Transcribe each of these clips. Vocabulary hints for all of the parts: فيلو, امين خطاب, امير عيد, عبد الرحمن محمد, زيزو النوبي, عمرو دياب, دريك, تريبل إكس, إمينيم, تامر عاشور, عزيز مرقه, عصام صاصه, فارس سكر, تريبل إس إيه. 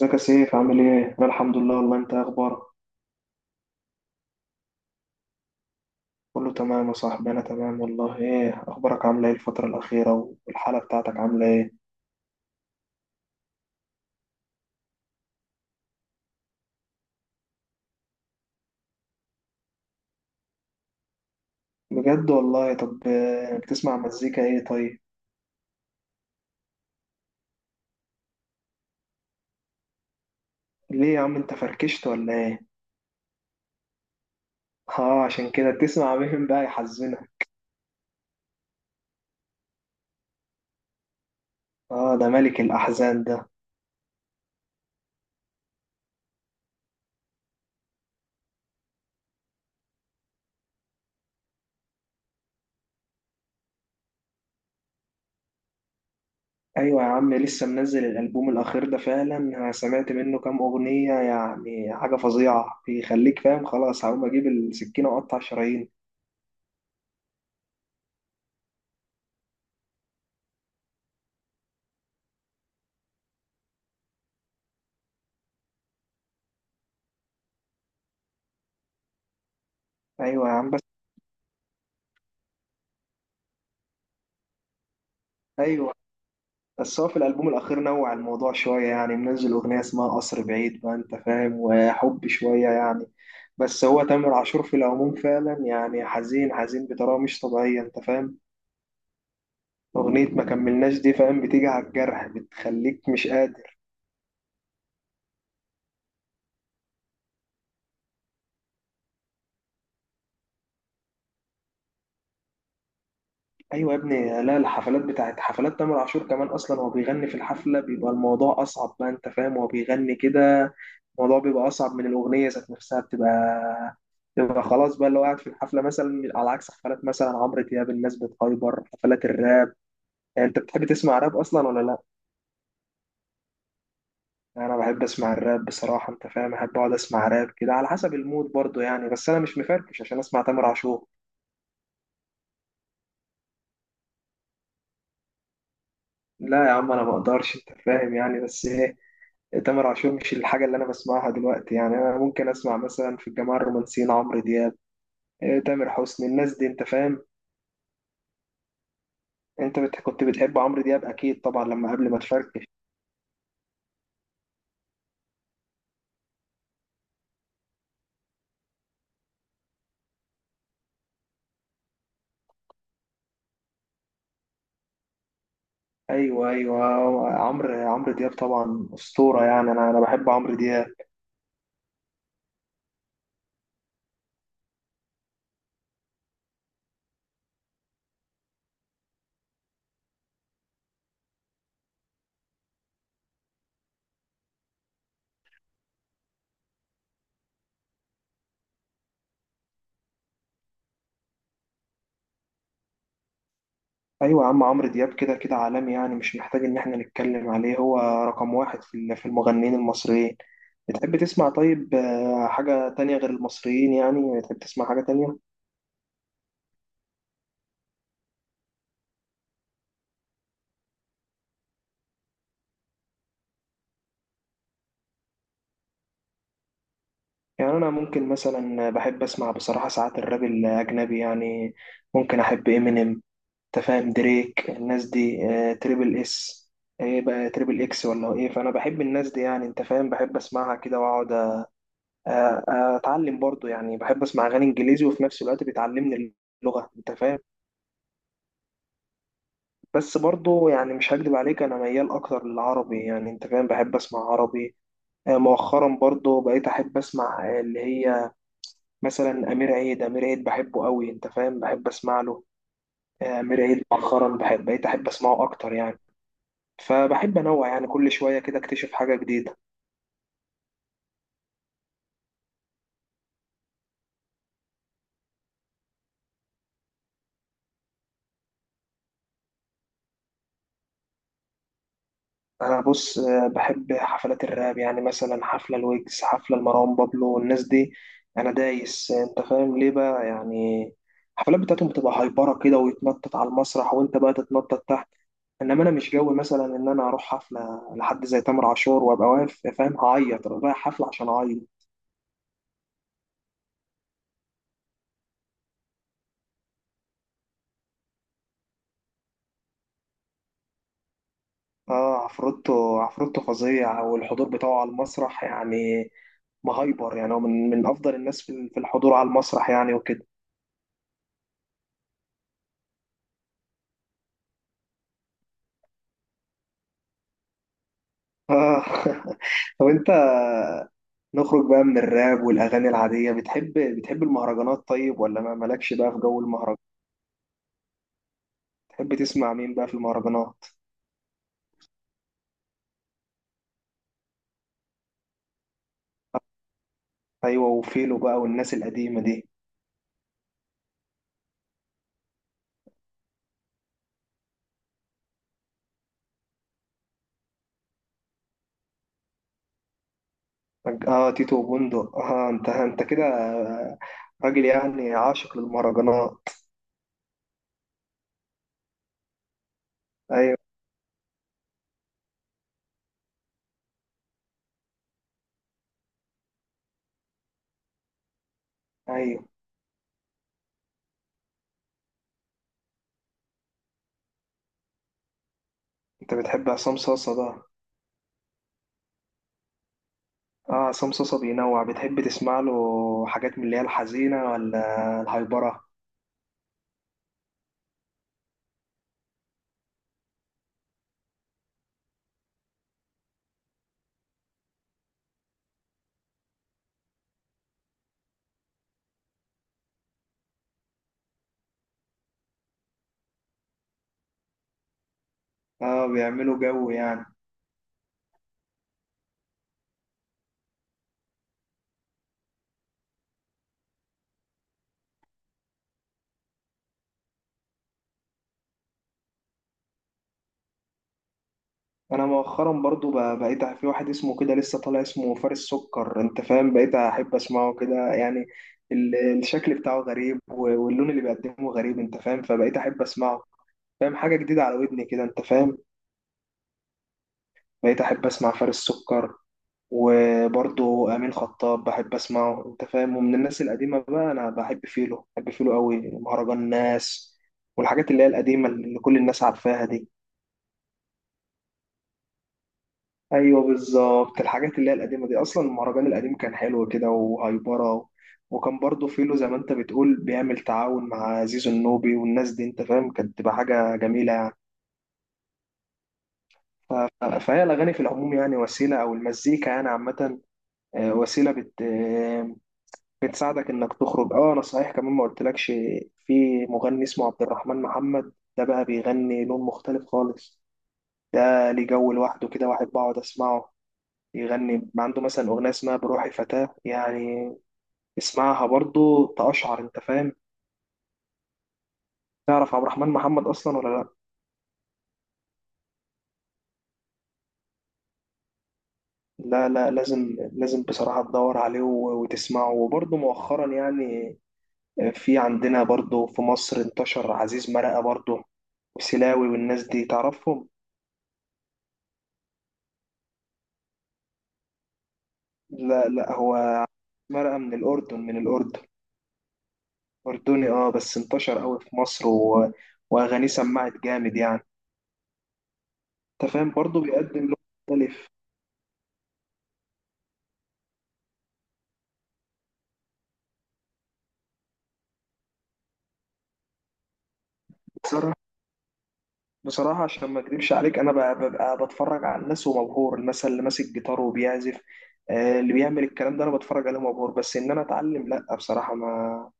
ازيك يا سيف، عامل ايه؟ انا الحمد لله والله. انت إيه اخبارك؟ كله تمام يا صاحبي، انا تمام والله. ايه اخبارك؟ عامله ايه الفترة الأخيرة؟ والحالة بتاعتك عاملة ايه؟ بجد والله. طب بتسمع مزيكا ايه طيب؟ ليه يا عم انت فركشت ولا ايه؟ اه، عشان كده بتسمع مين بقى يحزنك؟ اه، ده ملك الأحزان ده. ايوه يا عم، لسه منزل الألبوم الأخير ده فعلا، انا سمعت منه كام أغنية يعني حاجة فظيعة بيخليك فاهم خلاص هقوم اجيب السكينة واقطع شرايين. ايوه يا عم بس. ايوه. بس هو في الألبوم الأخير نوع الموضوع شوية، يعني منزل أغنية اسمها قصر بعيد بقى أنت فاهم وحب شوية يعني. بس هو تامر عاشور في العموم فعلا يعني حزين حزين بطريقة مش طبيعية أنت فاهم. أغنية ما كملناش دي فاهم بتيجي على الجرح بتخليك مش قادر. ايوه يا ابني، لا الحفلات بتاعت حفلات تامر عاشور كمان اصلا هو بيغني في الحفله بيبقى الموضوع اصعب بقى انت فاهم، هو بيغني كده الموضوع بيبقى اصعب من الاغنيه ذات نفسها. بتبقى خلاص بقى، اللي هو قاعد في الحفله مثلا على عكس حفلات مثلا عمرو دياب الناس بتهايبر حفلات الراب. يعني انت بتحب تسمع راب اصلا ولا لا؟ انا بحب اسمع الراب بصراحه انت فاهم، احب اقعد اسمع راب كده على حسب المود برضو يعني، بس انا مش مفركش عشان اسمع تامر عاشور. لا يا عم انا ما اقدرش انت فاهم يعني، بس ايه، تامر عاشور مش الحاجة اللي أنا بسمعها دلوقتي يعني. أنا ممكن أسمع مثلا في الجماعة الرومانسيين عمرو دياب، تامر حسني، الناس دي أنت فاهم. كنت بتحب عمرو دياب أكيد طبعا لما قبل ما تفركش. أيوه أيوه. عمرو دياب طبعا أسطورة يعني. أنا بحب عمرو دياب. أيوه يا عم عمرو دياب كده كده عالمي، يعني مش محتاج إن إحنا نتكلم عليه. هو رقم واحد في في المغنيين المصريين. بتحب تسمع طيب حاجة تانية غير المصريين؟ يعني بتحب تسمع حاجة تانية؟ يعني أنا ممكن مثلا بحب أسمع بصراحة ساعات الراب الأجنبي يعني. ممكن أحب إمينيم، تفاهم، دريك، الناس دي، تريبل إس. إيه بقى تريبل إكس ولا إيه؟ فأنا بحب الناس دي يعني أنت فاهم، بحب أسمعها كده وأقعد، أتعلم برضو يعني. بحب أسمع أغاني إنجليزي وفي نفس الوقت بتعلمني اللغة أنت فاهم. بس برضو يعني مش هكدب عليك، أنا ميال أكتر للعربي يعني أنت فاهم، بحب أسمع عربي. مؤخرا برضو بقيت أحب أسمع اللي هي مثلا امير عيد، امير عيد بحبه قوي انت فاهم بحب اسمع له. امير عيد مؤخرا بقيت احب اسمعه اكتر يعني. فبحب انوع يعني كل شويه كده اكتشف حاجه جديده. انا بص بحب حفلات الراب، يعني مثلا حفله الويجز، حفله لمروان بابلو والناس دي. انا دايس انت فاهم ليه بقى يعني. الحفلات بتاعتهم بتبقى هايبره كده ويتنطط على المسرح وانت بقى تتنطط تحت. انما انا مش جوي مثلا ان انا اروح حفله لحد زي تامر عاشور وابقى واقف فاهم، هعيط رايح حفله عشان اعيط. اه، عفروتو عفروتو فظيع، والحضور بتاعه على المسرح يعني مهايبر يعني. هو من افضل الناس في الحضور على المسرح يعني وكده. اه. طب انت، نخرج بقى من الراب والاغاني العاديه. بتحب المهرجانات طيب ولا ما مالكش بقى في جو المهرجانات؟ تحب تسمع مين بقى في المهرجانات؟ ايوه وفيلو بقى والناس القديمه دي. اه تيتو وبندق. اه، انت كده راجل يعني عاشق للمهرجانات. ايوه ايوه. انت بتحب عصام صاصه ده؟ اه عصام صوصة بينوع، بتحب تسمع له حاجات من اللي هي الحزينة ولا الهايبرة؟ اه بيعملوا جو يعني. انا مؤخرا برضو بقيت في واحد اسمه كده لسه طالع اسمه فارس سكر انت فاهم بقيت احب اسمعه كده يعني. الشكل بتاعه غريب واللون اللي بيقدمه غريب انت فاهم، فبقيت احب اسمعه. فاهم، حاجة جديدة على ودني كده انت فاهم. بقيت احب اسمع فارس سكر. وبرضه امين خطاب بحب اسمعه انت فاهم. ومن الناس القديمه بقى انا بحب فيلو، بحب فيلو قوي مهرجان الناس والحاجات اللي هي القديمه اللي كل الناس عارفاها دي. ايوه بالظبط، الحاجات اللي هي القديمه دي اصلا، المهرجان القديم كان حلو كده وهايبره. وكان برضه فيلو زي ما انت بتقول بيعمل تعاون مع زيزو النوبي والناس دي انت فاهم، كانت تبقى حاجه جميله يعني. ف- فهي الاغاني في العموم يعني وسيله، او المزيكا يعني عامه، وسيله بتساعدك انك تخرج. اه انا صحيح كمان ما قلتلكش، في مغني اسمه عبد الرحمن محمد ده بقى بيغني لون مختلف خالص. ده ليه جو لوحده كده، واحد بقعد اسمعه. يغني عنده مثلا اغنيه اسمها بروحي فتاه يعني، اسمعها برضو تقشعر انت فاهم. تعرف عبد الرحمن محمد اصلا ولا لا؟ لا لا، لازم لازم بصراحه تدور عليه وتسمعه. وبرضو مؤخرا يعني في عندنا برضو في مصر انتشر عزيز مرقه برضو، وسلاوي والناس دي تعرفهم. لا لا، هو مرقة من الأردن، من الأردن. أردني اه، بس انتشر قوي في مصر وأغانيه سمعت جامد يعني. أنت فاهم برضه بيقدم لون مختلف. بصراحة بصراحة عشان ما أكدبش عليك أنا ببقى بتفرج على الناس ومبهور مثلا اللي ماسك جيتار وبيعزف. اللي بيعمل الكلام ده أنا بتفرج عليه مبهور، بس إن أنا أتعلم لأ بصراحة. ما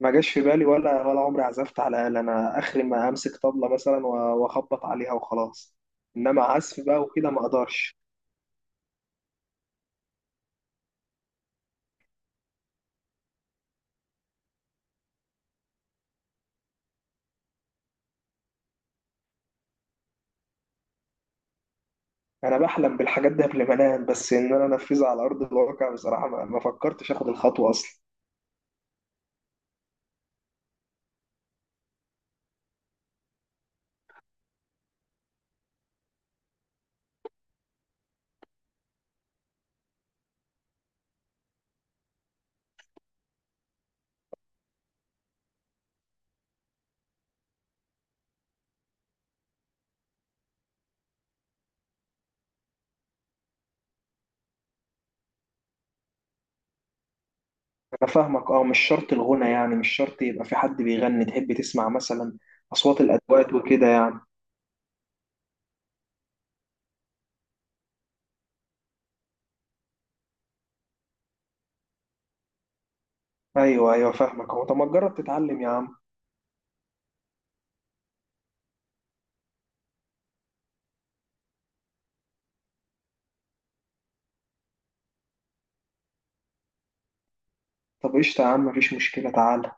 ما جاش في بالي ولا، عمري عزفت على آلة. أنا آخري ما أمسك طبلة مثلا وأخبط عليها وخلاص. إنما عزف بقى وكده ما أقدرش. انا بحلم بالحاجات دي قبل ما انام، بس ان انا انفذها على ارض الواقع بصراحه ما فكرتش اخد الخطوه اصلا. انا فاهمك، اه مش شرط الغنى، يعني مش شرط يبقى في حد بيغني، تحب تسمع مثلا اصوات الادوات وكده يعني. ايوه ايوه فاهمك اهو. طب ما تجرب تتعلم يا عم. طب قشطه يا عم، مفيش مشكله، تعال.